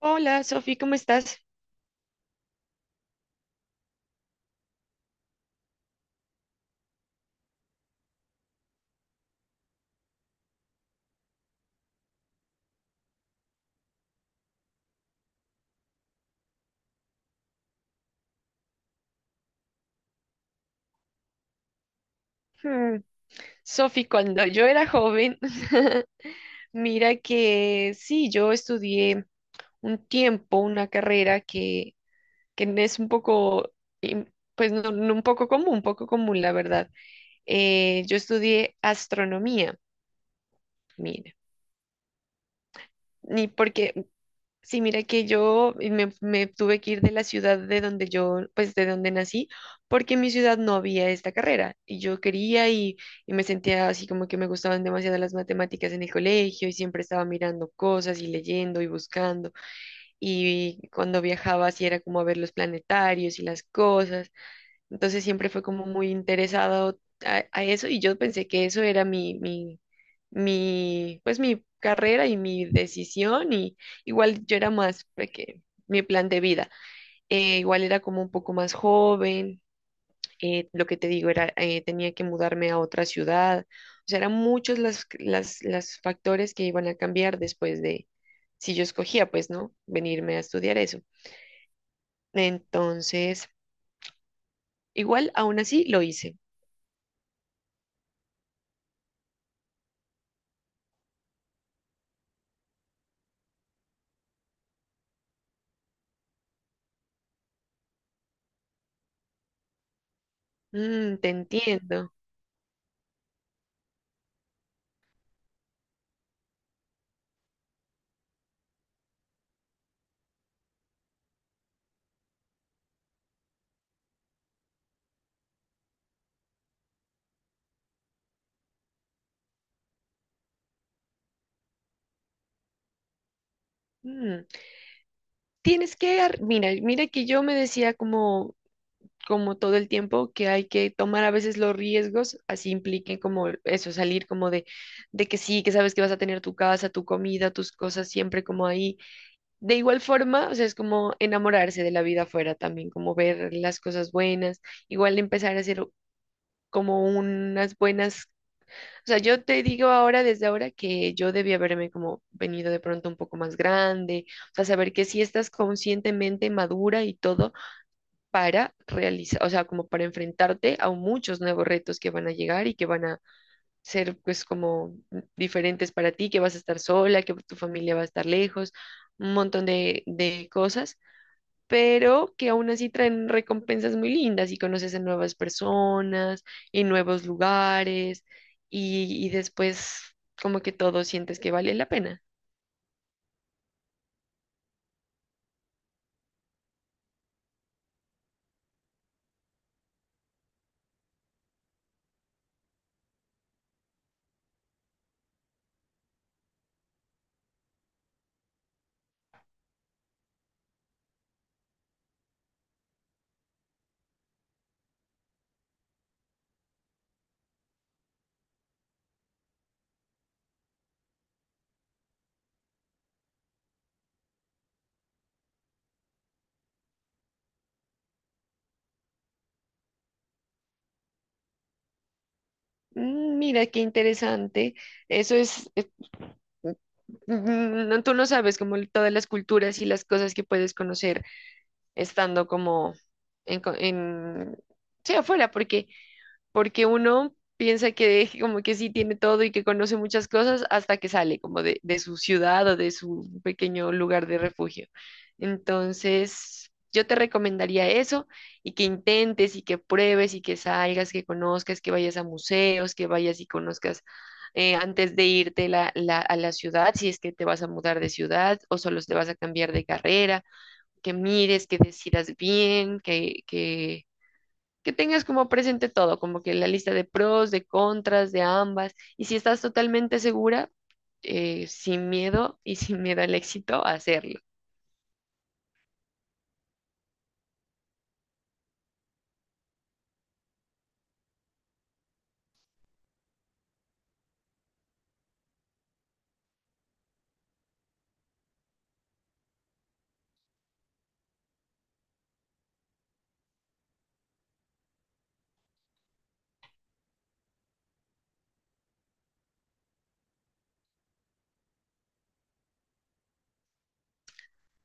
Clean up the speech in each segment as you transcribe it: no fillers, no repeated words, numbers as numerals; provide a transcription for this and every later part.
Hola, Sofi, ¿cómo estás? Hmm. Sofi, cuando yo era joven, mira que sí, yo estudié un tiempo, una carrera que es un poco, im- pues no, no un poco común, un poco común, la verdad. Yo estudié astronomía, mira, ni porque. Sí, mira que yo me tuve que ir de la ciudad de donde yo, pues de donde nací, porque en mi ciudad no había esta carrera y yo quería y me sentía así como que me gustaban demasiado las matemáticas en el colegio y siempre estaba mirando cosas y leyendo y buscando, y cuando viajaba así era como a ver los planetarios y las cosas. Entonces siempre fue como muy interesado a eso y yo pensé que eso era pues mi carrera y mi decisión, y igual yo era más pequeña, mi plan de vida. Igual era como un poco más joven. Lo que te digo era, tenía que mudarme a otra ciudad. O sea, eran muchos los las factores que iban a cambiar después de, si yo escogía, pues, ¿no? Venirme a estudiar eso. Entonces, igual aún así lo hice. Mm, te entiendo. Mm. Tienes que, mira que yo me decía como todo el tiempo que hay que tomar a veces los riesgos, así impliquen como eso, salir como de que sí, que sabes que vas a tener tu casa, tu comida, tus cosas siempre como ahí. De igual forma, o sea, es como enamorarse de la vida afuera también, como ver las cosas buenas, igual empezar a hacer como unas buenas. O sea, yo te digo ahora, desde ahora, que yo debía haberme como venido de pronto un poco más grande, o sea, saber que sí estás conscientemente madura y todo para realizar, o sea, como para enfrentarte a muchos nuevos retos que van a llegar y que van a ser pues como diferentes para ti, que vas a estar sola, que tu familia va a estar lejos, un montón de cosas, pero que aún así traen recompensas muy lindas y conoces a nuevas personas y nuevos lugares y después como que todo sientes que vale la pena. Mm. Mira qué interesante. Eso es, no, tú no sabes como todas las culturas y las cosas que puedes conocer estando como en, en sí, afuera, porque porque uno piensa que como que sí tiene todo y que conoce muchas cosas hasta que sale como de su ciudad o de su pequeño lugar de refugio. Entonces, yo te recomendaría eso y que intentes y que pruebes y que salgas, que conozcas, que vayas a museos, que vayas y conozcas, antes de irte a la ciudad, si es que te vas a mudar de ciudad o solo te vas a cambiar de carrera, que mires, que decidas bien, que tengas como presente todo, como que la lista de pros, de contras, de ambas, y si estás totalmente segura, sin miedo y sin miedo al éxito, hacerlo.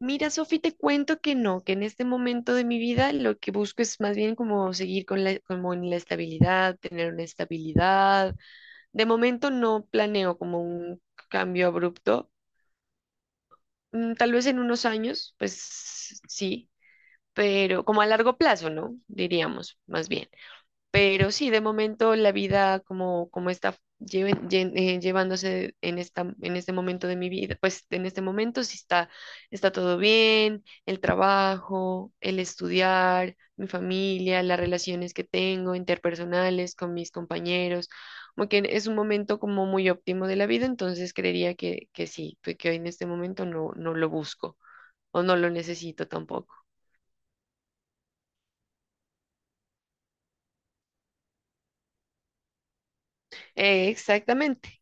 Mira, Sofi, te cuento que no, que en este momento de mi vida lo que busco es más bien como seguir con la, como en la estabilidad, tener una estabilidad. De momento no planeo como un cambio abrupto. Mm. Tal vez en unos años, pues sí, pero como a largo plazo, ¿no? Diríamos, más bien. Pero sí, de momento la vida como está llevándose en esta, en este momento de mi vida, pues en este momento sí está todo bien, el trabajo, el estudiar, mi familia, las relaciones que tengo interpersonales con mis compañeros, como que es un momento como muy óptimo de la vida, entonces creería que sí, que hoy en este momento no, no lo busco o no lo necesito tampoco. Exactamente.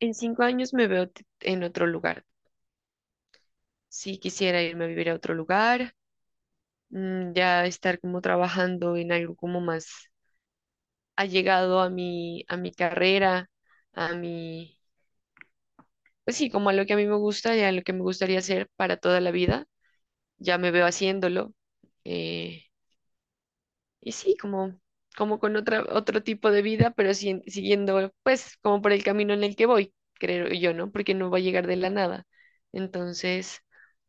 En 5 años me veo en otro lugar. Si quisiera irme a vivir a otro lugar, mm, ya estar como trabajando en algo como más allegado a mi carrera, a mi, pues sí, como a lo que a mí me gusta y a lo que me gustaría hacer para toda la vida. Ya me veo haciéndolo. eh, y sí, como con otro tipo de vida, pero siguiendo, pues, como por el camino en el que voy, creo yo, ¿no? Porque no va a llegar de la nada. Entonces,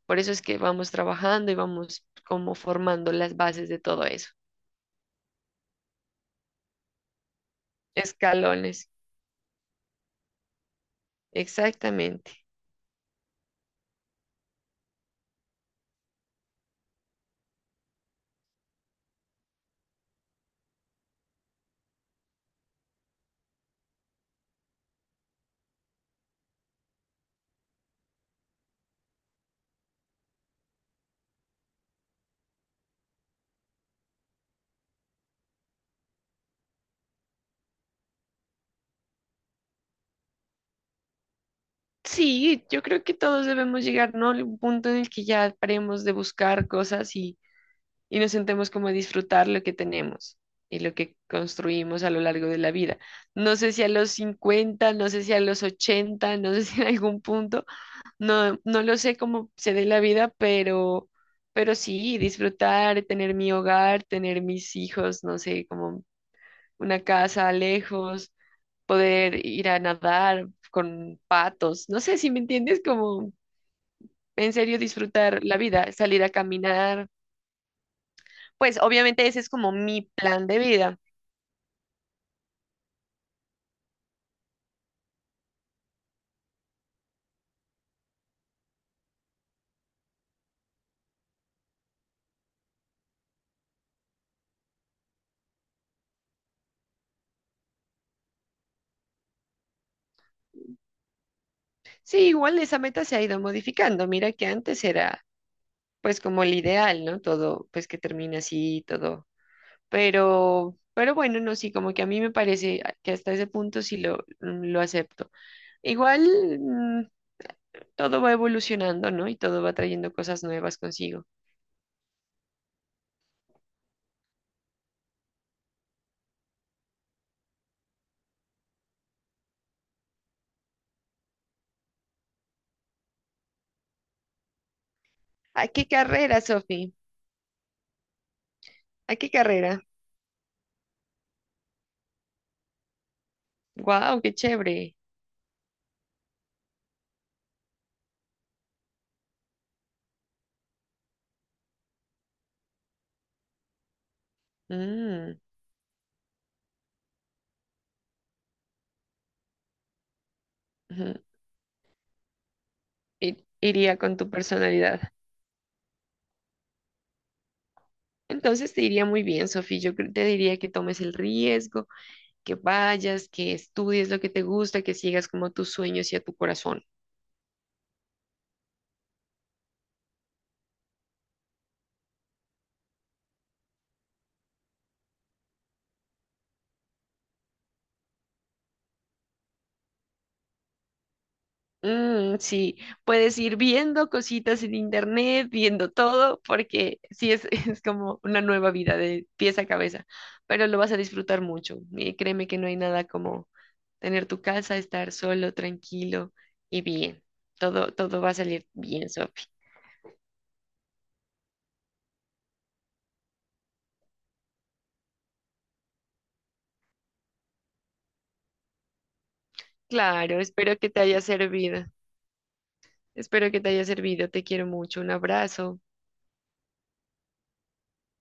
por eso es que vamos trabajando y vamos como formando las bases de todo eso. Escalones, exactamente. Sí, yo creo que todos debemos llegar, ¿no? A un punto en el que ya paremos de buscar cosas y nos sentemos como a disfrutar lo que tenemos y lo que construimos a lo largo de la vida. No sé si a los 50, no sé si a los 80, no sé si en algún punto, no, no lo sé cómo se dé la vida, pero sí, disfrutar, tener mi hogar, tener mis hijos, no sé, como una casa lejos, poder ir a nadar con patos, no sé si me entiendes, como en serio disfrutar la vida, salir a caminar. Pues obviamente ese es como mi plan de vida. Sí, igual esa meta se ha ido modificando. Mira que antes era pues como el ideal, ¿no? Todo pues que termina así, todo. Pero bueno, no, sí, como que a mí me parece que hasta ese punto sí lo acepto. Igual mm, todo va evolucionando, ¿no? Y todo va trayendo cosas nuevas consigo. ¡Ay, qué carrera, Sofi! ¡Ay, qué carrera! ¡Guau, qué chévere! Mm, ujú. Iría con tu personalidad. Entonces te iría muy bien, Sofi. Yo te diría que tomes el riesgo, que vayas, que estudies lo que te gusta, que sigas como tus sueños y a tu corazón. Mm, sí, puedes ir viendo cositas en internet, viendo todo, porque sí es, es como una nueva vida de pies a cabeza, pero lo vas a disfrutar mucho. Y créeme que no hay nada como tener tu casa, estar solo, tranquilo y bien. Todo, todo va a salir bien, Sofi. Claro, espero que te haya servido. Espero que te haya servido. Te quiero mucho. Un abrazo.